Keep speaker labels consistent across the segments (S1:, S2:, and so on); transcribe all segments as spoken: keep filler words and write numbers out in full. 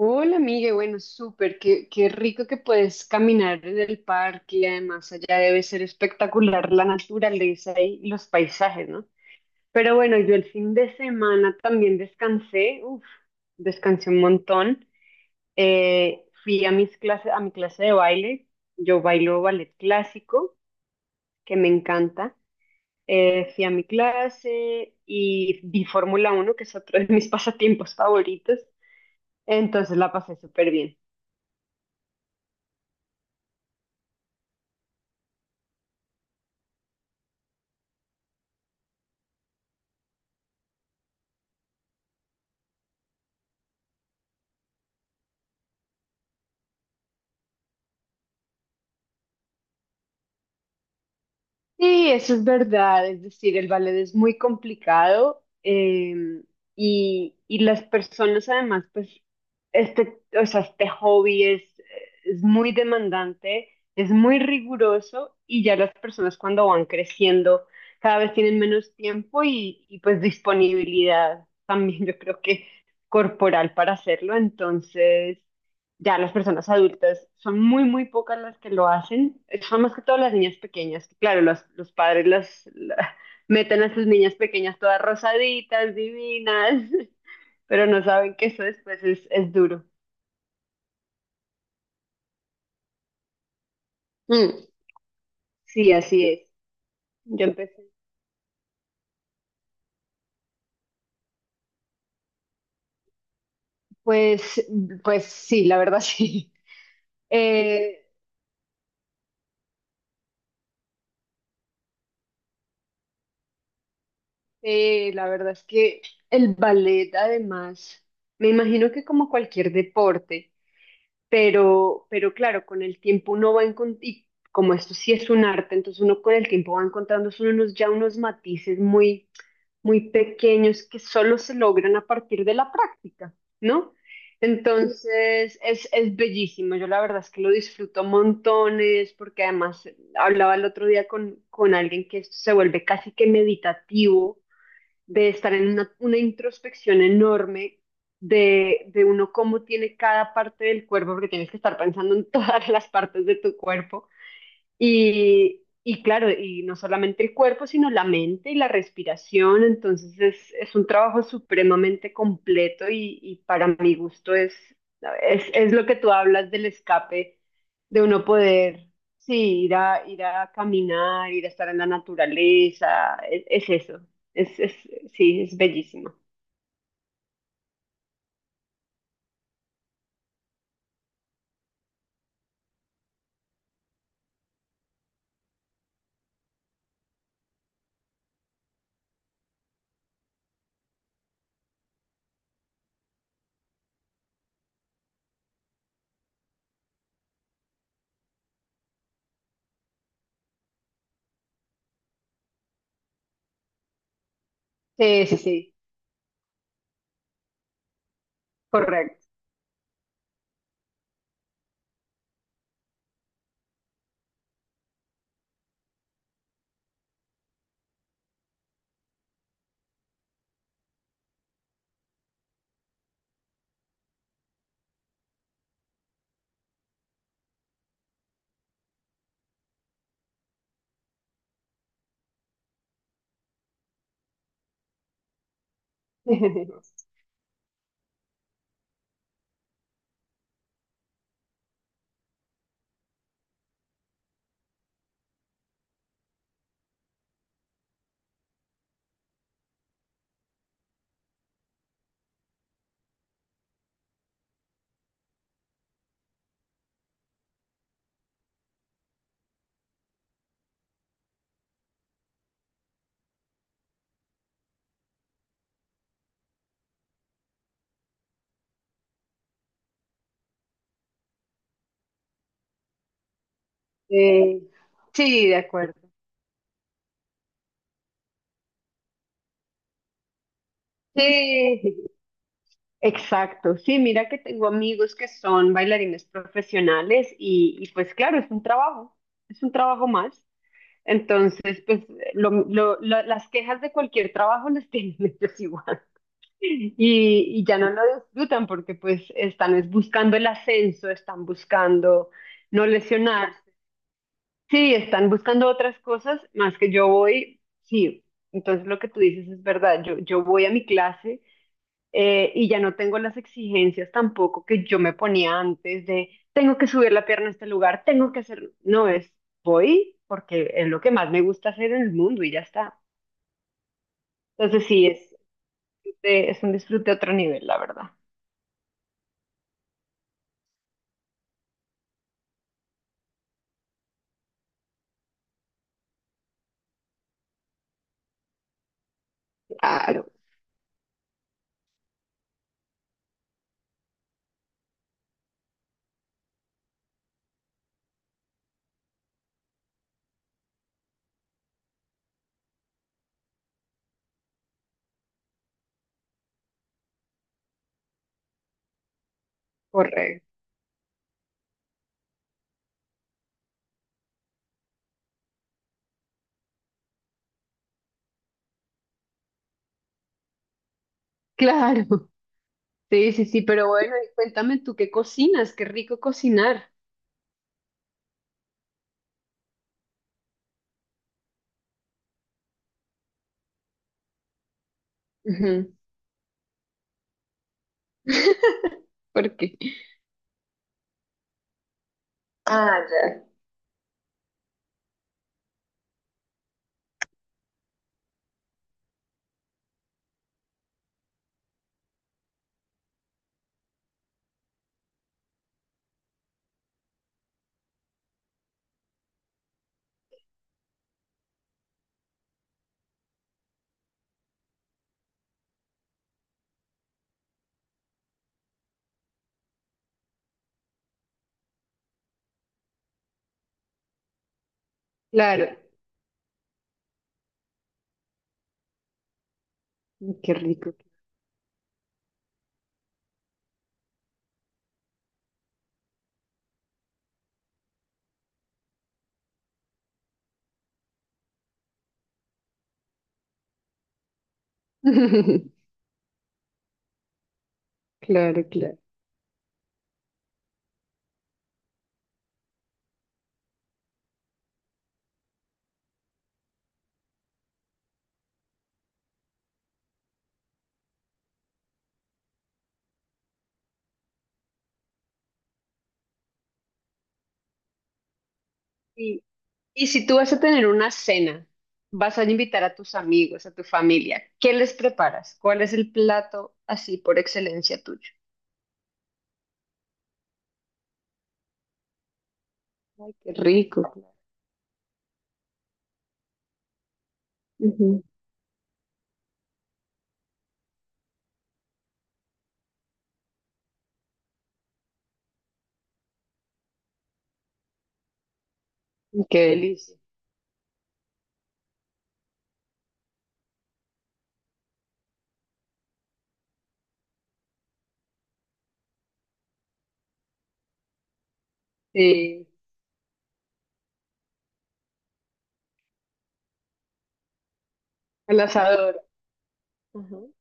S1: Hola, Migue. Bueno, súper. Qué, qué rico que puedes caminar en el parque y además allá debe ser espectacular la naturaleza y los paisajes, ¿no? Pero bueno, yo el fin de semana también descansé. Uf, descansé un montón. Eh, fui a mis clases, a mi clase de baile. Yo bailo ballet clásico, que me encanta. Eh, fui a mi clase y vi Fórmula uno, que es otro de mis pasatiempos favoritos. Entonces la pasé súper bien. Sí, eso es verdad, es decir, el ballet es muy complicado eh, y, y las personas además, pues, este, o sea, este hobby es, es muy demandante, es muy riguroso y ya las personas cuando van creciendo cada vez tienen menos tiempo y, y pues disponibilidad también yo creo que corporal para hacerlo, entonces... Ya las personas adultas son muy, muy pocas las que lo hacen. Eh, Son más que todas las niñas pequeñas. Claro, las- los padres las, la- meten a sus niñas pequeñas todas rosaditas, divinas, pero no saben que eso después es, es duro. Mm, sí, así es. Yo empecé. Pues, pues sí, la verdad sí. Eh, eh, la verdad es que el ballet, además, me imagino que como cualquier deporte. Pero, pero claro, con el tiempo uno va encontrando, y como esto sí es un arte, entonces uno con el tiempo va encontrando son unos, ya unos matices muy, muy pequeños que solo se logran a partir de la práctica, ¿no? Entonces es, es bellísimo, yo la verdad es que lo disfruto montones, porque además eh, hablaba el otro día con, con alguien que esto se vuelve casi que meditativo de estar en una, una introspección enorme de, de uno cómo tiene cada parte del cuerpo, porque tienes que estar pensando en todas las partes de tu cuerpo y, y claro, y no solamente el cuerpo, sino la mente y la respiración. Entonces es, es un trabajo supremamente completo y, y para mi gusto es, es, es lo que tú hablas del escape, de uno poder, sí, ir a, ir a caminar, ir a estar en la naturaleza. Es, es eso. Es, es, sí, es bellísimo. Sí, sí, sí, correcto. Eh, sí, de acuerdo. Sí. Exacto, sí, mira que tengo amigos que son bailarines profesionales y, y pues claro, es un trabajo, es un trabajo más. Entonces, pues lo, lo- lo- las quejas de cualquier trabajo las tienen ellos igual y, y ya no lo disfrutan porque pues están es buscando el ascenso, están buscando no lesionarse, sí, están buscando otras cosas más que yo voy, sí, entonces lo que tú dices es verdad, yo, yo voy a mi clase eh, y ya no tengo las exigencias tampoco que yo me ponía antes de tengo que subir la pierna a este lugar, tengo que hacer, no es, voy porque es lo que más me gusta hacer en el mundo y ya está. Entonces sí, es, eh, es un disfrute a otro nivel, la verdad. Claro, correcto. Claro. Sí, sí, sí, pero bueno, y cuéntame tú qué cocinas, qué rico cocinar. Ujú. ¿Por qué? Ah, ya. Claro, qué rico. Claro, claro. Y, y si tú vas a tener una cena, vas a invitar a tus amigos, a tu familia, ¿qué les preparas? ¿Cuál es el plato así por excelencia tuyo? Ay, qué rico. Ujú. Qué delicia. Sí, el asador. Ujú.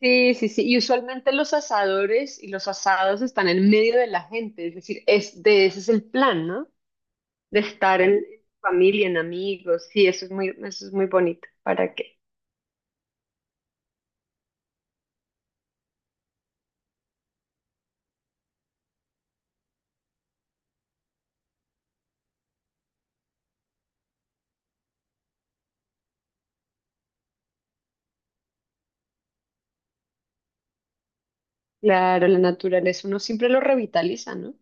S1: Sí, sí, sí. Y usualmente los asadores y los asados están en medio de la gente, es decir, es de ese es el plan, ¿no? De estar en en familia, en amigos. Sí, eso es muy, eso es muy bonito. ¿Para qué? Claro, la naturaleza uno siempre lo revitaliza, ¿no?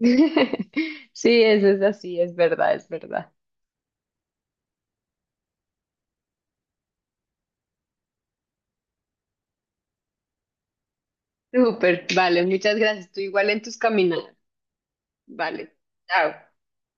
S1: Sí, eso es así, es verdad, es verdad. Súper, vale, muchas gracias. Tú igual en tus caminadas. Vale, chao.